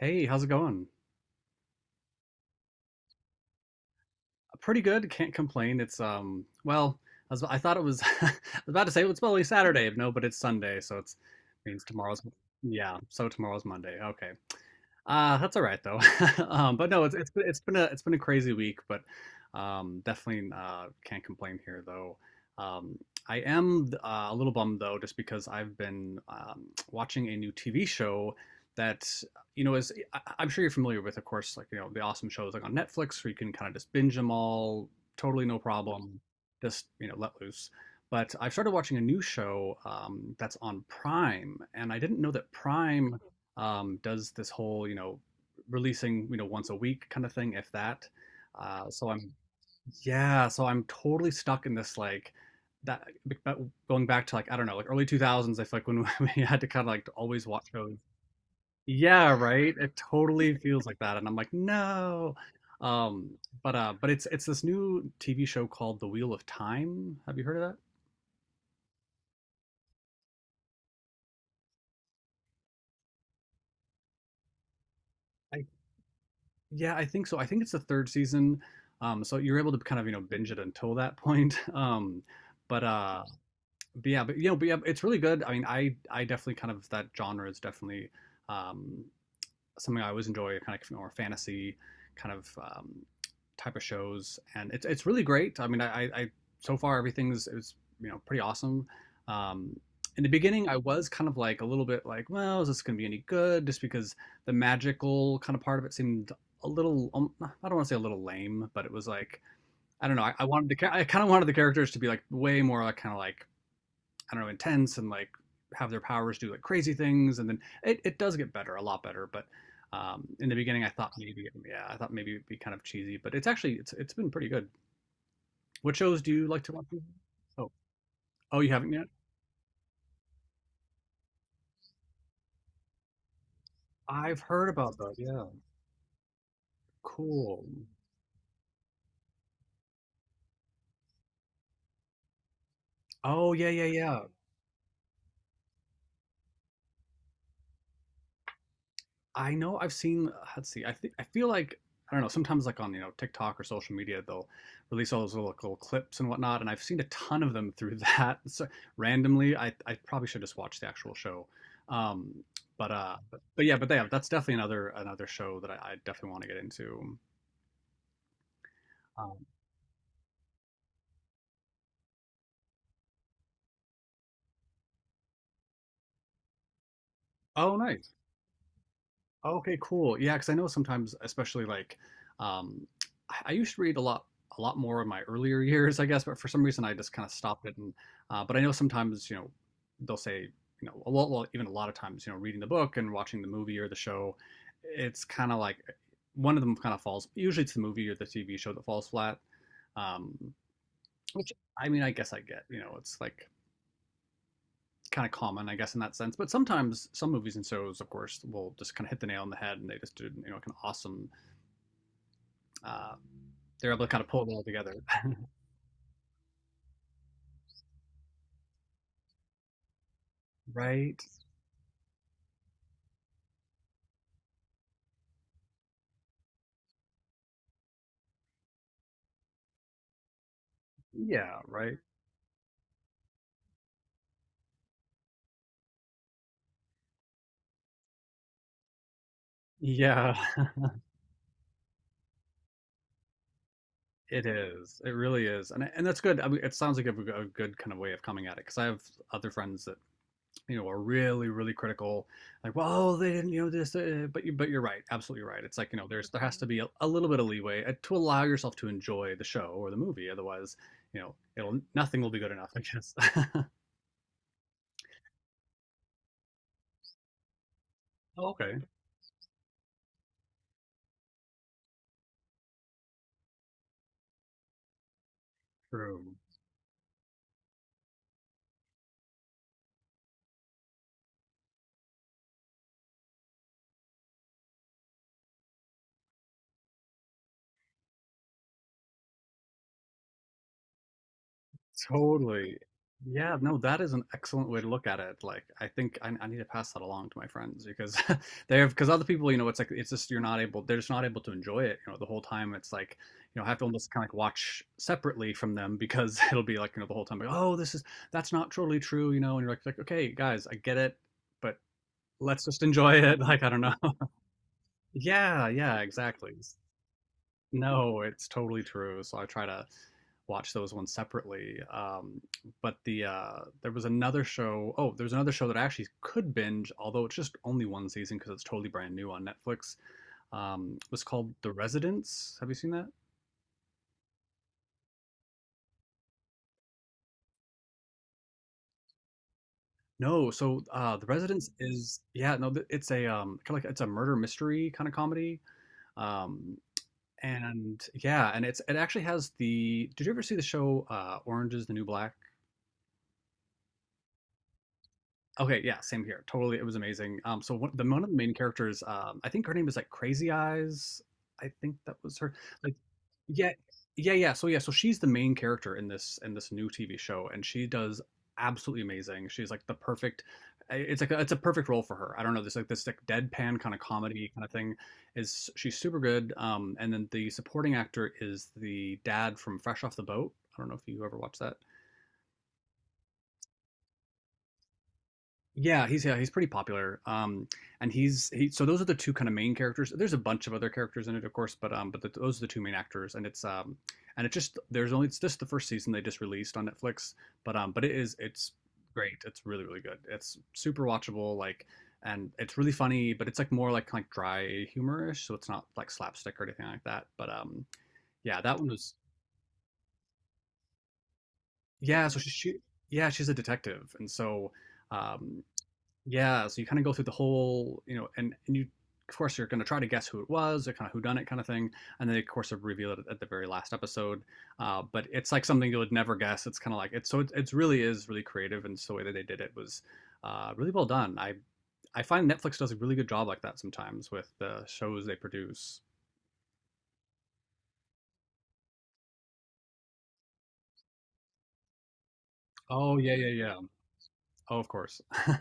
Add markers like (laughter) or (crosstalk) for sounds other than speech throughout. Hey, how's it going? Pretty good. Can't complain. It's I thought it was (laughs) I was about to say well, it's probably Saturday. No, but it's Sunday, so it's means tomorrow's yeah, so tomorrow's Monday. Okay. That's all right though. (laughs) But no, it's been a crazy week, but definitely can't complain here though. Um, I am a little bummed though, just because I've been watching a new TV show that you know is I'm sure you're familiar with, of course, like the awesome shows like on Netflix where you can kind of just binge them all, totally no problem, just let loose. But I started watching a new show that's on Prime, and I didn't know that Prime does this whole releasing once a week kind of thing, if that. So I'm yeah, so I'm totally stuck in this like that but going back to like I don't know like early 2000s. I feel like when (laughs) we had to kind of like always watch shows. Yeah, right. It totally (laughs) feels like that, and I'm like no. Um, but it's this new TV show called The Wheel of Time. Have you heard of that? Yeah, I think so. I think it's the third season. So you're able to kind of, you know, binge it until that point. (laughs) But uh but yeah, but you know, but yeah, it's really good. I mean, I definitely kind of that genre is definitely um something I always enjoy, kind of like more fantasy kind of type of shows, and it's really great. I mean, I so far everything's it's pretty awesome. Um, in the beginning, I was kind of like a little bit like, well, is this going to be any good? Just because the magical kind of part of it seemed a little, I don't want to say a little lame, but it was like, I don't know. I wanted I kind of wanted the characters to be like way more like kind of like I don't know, intense and like have their powers do like crazy things. And then it does get better, a lot better. But in the beginning, I thought maybe, yeah, I thought maybe it'd be kind of cheesy, but it's been pretty good. What shows do you like to watch? Oh, oh, you haven't yet? I've heard about those. Yeah. Cool. Oh, yeah, yeah, yeah. I know I've seen. Let's see. I think I feel like I don't know. Sometimes like on TikTok or social media, they'll release all those little, little clips and whatnot, and I've seen a ton of them through (laughs) that. So randomly, I probably should just watch the actual show. Um, but yeah, but they have, that's definitely another show that I definitely want to get into. Um, oh, nice. Okay, cool. Yeah, because I know sometimes, um, I used to read a lot more in my earlier (laughs) years, I guess, but for some reason I just kind of stopped it. And but I know sometimes, you know, they'll say, you know, a lot, well, even a lot of times, you know, reading the book and watching the movie or the show, it's kind of like one of them kind of falls. Usually, it's the movie or the TV show that falls flat. Um, which I mean, I guess I get. You know, it's like kind of common, I guess, in that sense. But sometimes some movies and shows, of course, will just kind of hit the nail on the head, and they just did, you know, kind of awesome. Uh, they're able to kind of pull it all together, (laughs) right? Yeah, right. Yeah, (laughs) it is. It really is, and that's good. I mean, it sounds like a good kind of way of coming at it because I have other friends that you know are really really critical like well they didn't you know this but you're right absolutely right it's like you know there has to be a little bit of leeway to allow yourself to enjoy the show or the movie otherwise you know it'll nothing will be good enough I guess (laughs) okay true. Totally. Yeah, no, that is an excellent way to look at it. Like, I think I need to pass that along to my friends because (laughs) they have, because other people, you know, it's like, it's just, you're not able, they're just not able to enjoy it, you know, the whole time. It's like, you know, I have to almost kind of like watch separately from them because (laughs) it'll be like, you know, the whole time, like, oh, that's not totally true, you know, and you're like, okay, guys, I get it, but let's just enjoy it. (laughs) Like, I don't know. (laughs) Yeah, yeah, exactly. No, it's totally true. So I try to watch those ones separately. But the There was another show. Oh, there's another show that I actually could binge, although it's just only one season because it's totally brand new on Netflix. It was called The Residence. Have you seen that? No. The Residence is yeah. No, it's a kind of like it's a murder mystery kind of comedy. Um, and yeah, and it's it actually has the. Did you ever see the show Orange is the New Black? Okay, yeah, same here. Totally, it was amazing. So one, the one of the main characters, I think her name is like Crazy Eyes. I think that was her. Like, yeah, yeah, yeah. So yeah, so she's the main character in this new TV show, and she does absolutely amazing. She's like the perfect. I- It's like it's a perfect role for her. I don't know. This like deadpan kind of comedy kind of thing is she's super good. And then the supporting actor is the dad from Fresh Off the Boat. I don't know if you ever watched that. Yeah, he's pretty popular. And he's he. So those are the two kind of main characters. There's a bunch of other characters in it, of course, but those are the two main actors. And it's just the first season they just released on Netflix. But it's great. It's really really good. It's super watchable. Like, and it's really funny, but it's like more like kind of dry humorish. So it's not like slapstick or anything like that. But yeah, that one was yeah. She yeah, she's a detective, and so. Um, Yeah, so you kind of go through the whole, you know, and you, of course, you're going to try to guess who it was, or kind of who done it kind of thing, and then they, of course they reveal it at the very last episode. But it's like something you would never guess. It's kind of like it's so it, it's really is really creative, and so the way that they did it was really well done. I find Netflix does a really good job like that sometimes with the shows they produce. Oh yeah, yeah, yeah. Oh, of course. (laughs)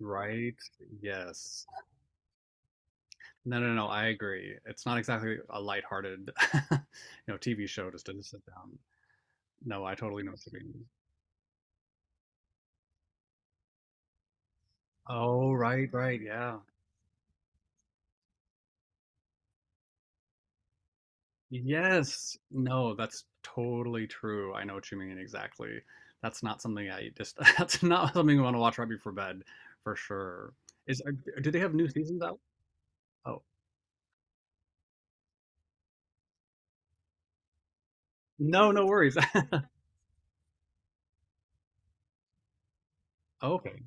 Right? Yes. No, no, no. I agree. It's not exactly a lighthearted, (laughs) you know, TV show just to sit down. No, I totally know what you mean. Oh, right, right, yeah. Yes. No, that's totally true. I know what you mean exactly. That's not something I just (laughs) that's not something I want to watch right before bed, for sure. Is are- do they have new seasons out? Oh. No, no worries. (laughs) Okay.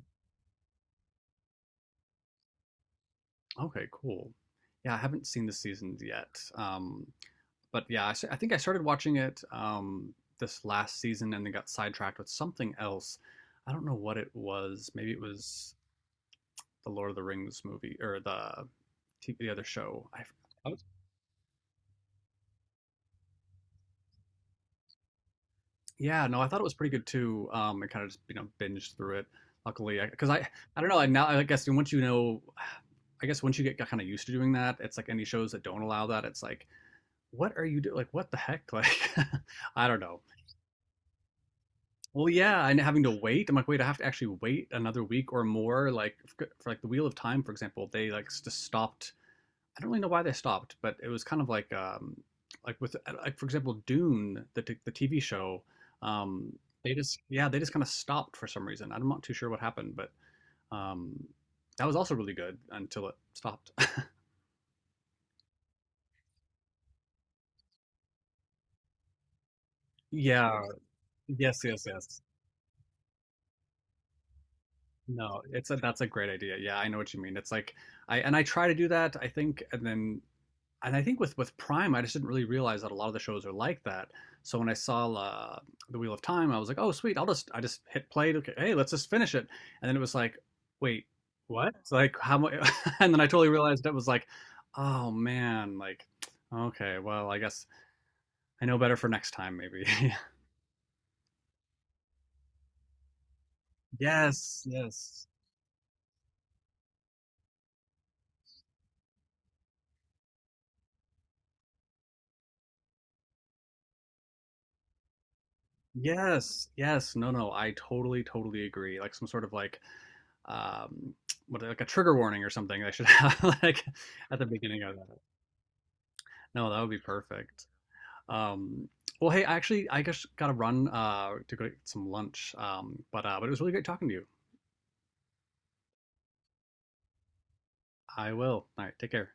Okay, cool. Yeah, I haven't seen the seasons yet. But yeah, I think I started watching it this last season and then got sidetracked with something else. I don't know what it was. Maybe it was the Lord of the Rings movie or the other show. Oh. Yeah, no, I thought it was pretty good too. I kind of just you know binged through it. Luckily, because I don't know. I now I guess once you know, I guess once you get kind of used to doing that, it's like any shows that don't allow that. It's like what are you doing? Like what the heck? Like (laughs) I don't know. Well, yeah, and having to wait. I'm like, wait, I have to actually wait another week or more. Like for like the Wheel of Time, for example, they like just stopped I don't really know why they stopped, but it was kind of like with like for example Dune, the the TV show. Um, they just yeah they just kind of stopped for some reason. I'm not too sure what happened, but um, that was also really good until it stopped. (laughs) Yeah. Yes, yes, yes. No, it's a that's a great idea. Yeah, I know what you mean. It's like I and I try to do that, I think, and then and I think with Prime, I just didn't really realize that a lot of the shows are like that. So when I saw the Wheel of Time, I was like, oh sweet, I just hit play. Okay, hey, let's just finish it. And then it was like, wait, what? It's like how much? (laughs) And then I totally realized it was like, oh man, like okay, well I guess I know better for next time maybe. (laughs) yes, yes. Yes, yes, no, no, I totally, totally agree. Like some sort of like, um, what like a trigger warning or something. I should have (laughs) like at the beginning of that. No, that would be perfect. Um, well, hey, actually, I guess gotta run to go get some lunch. But it was really great talking to you. I will. All right, take care.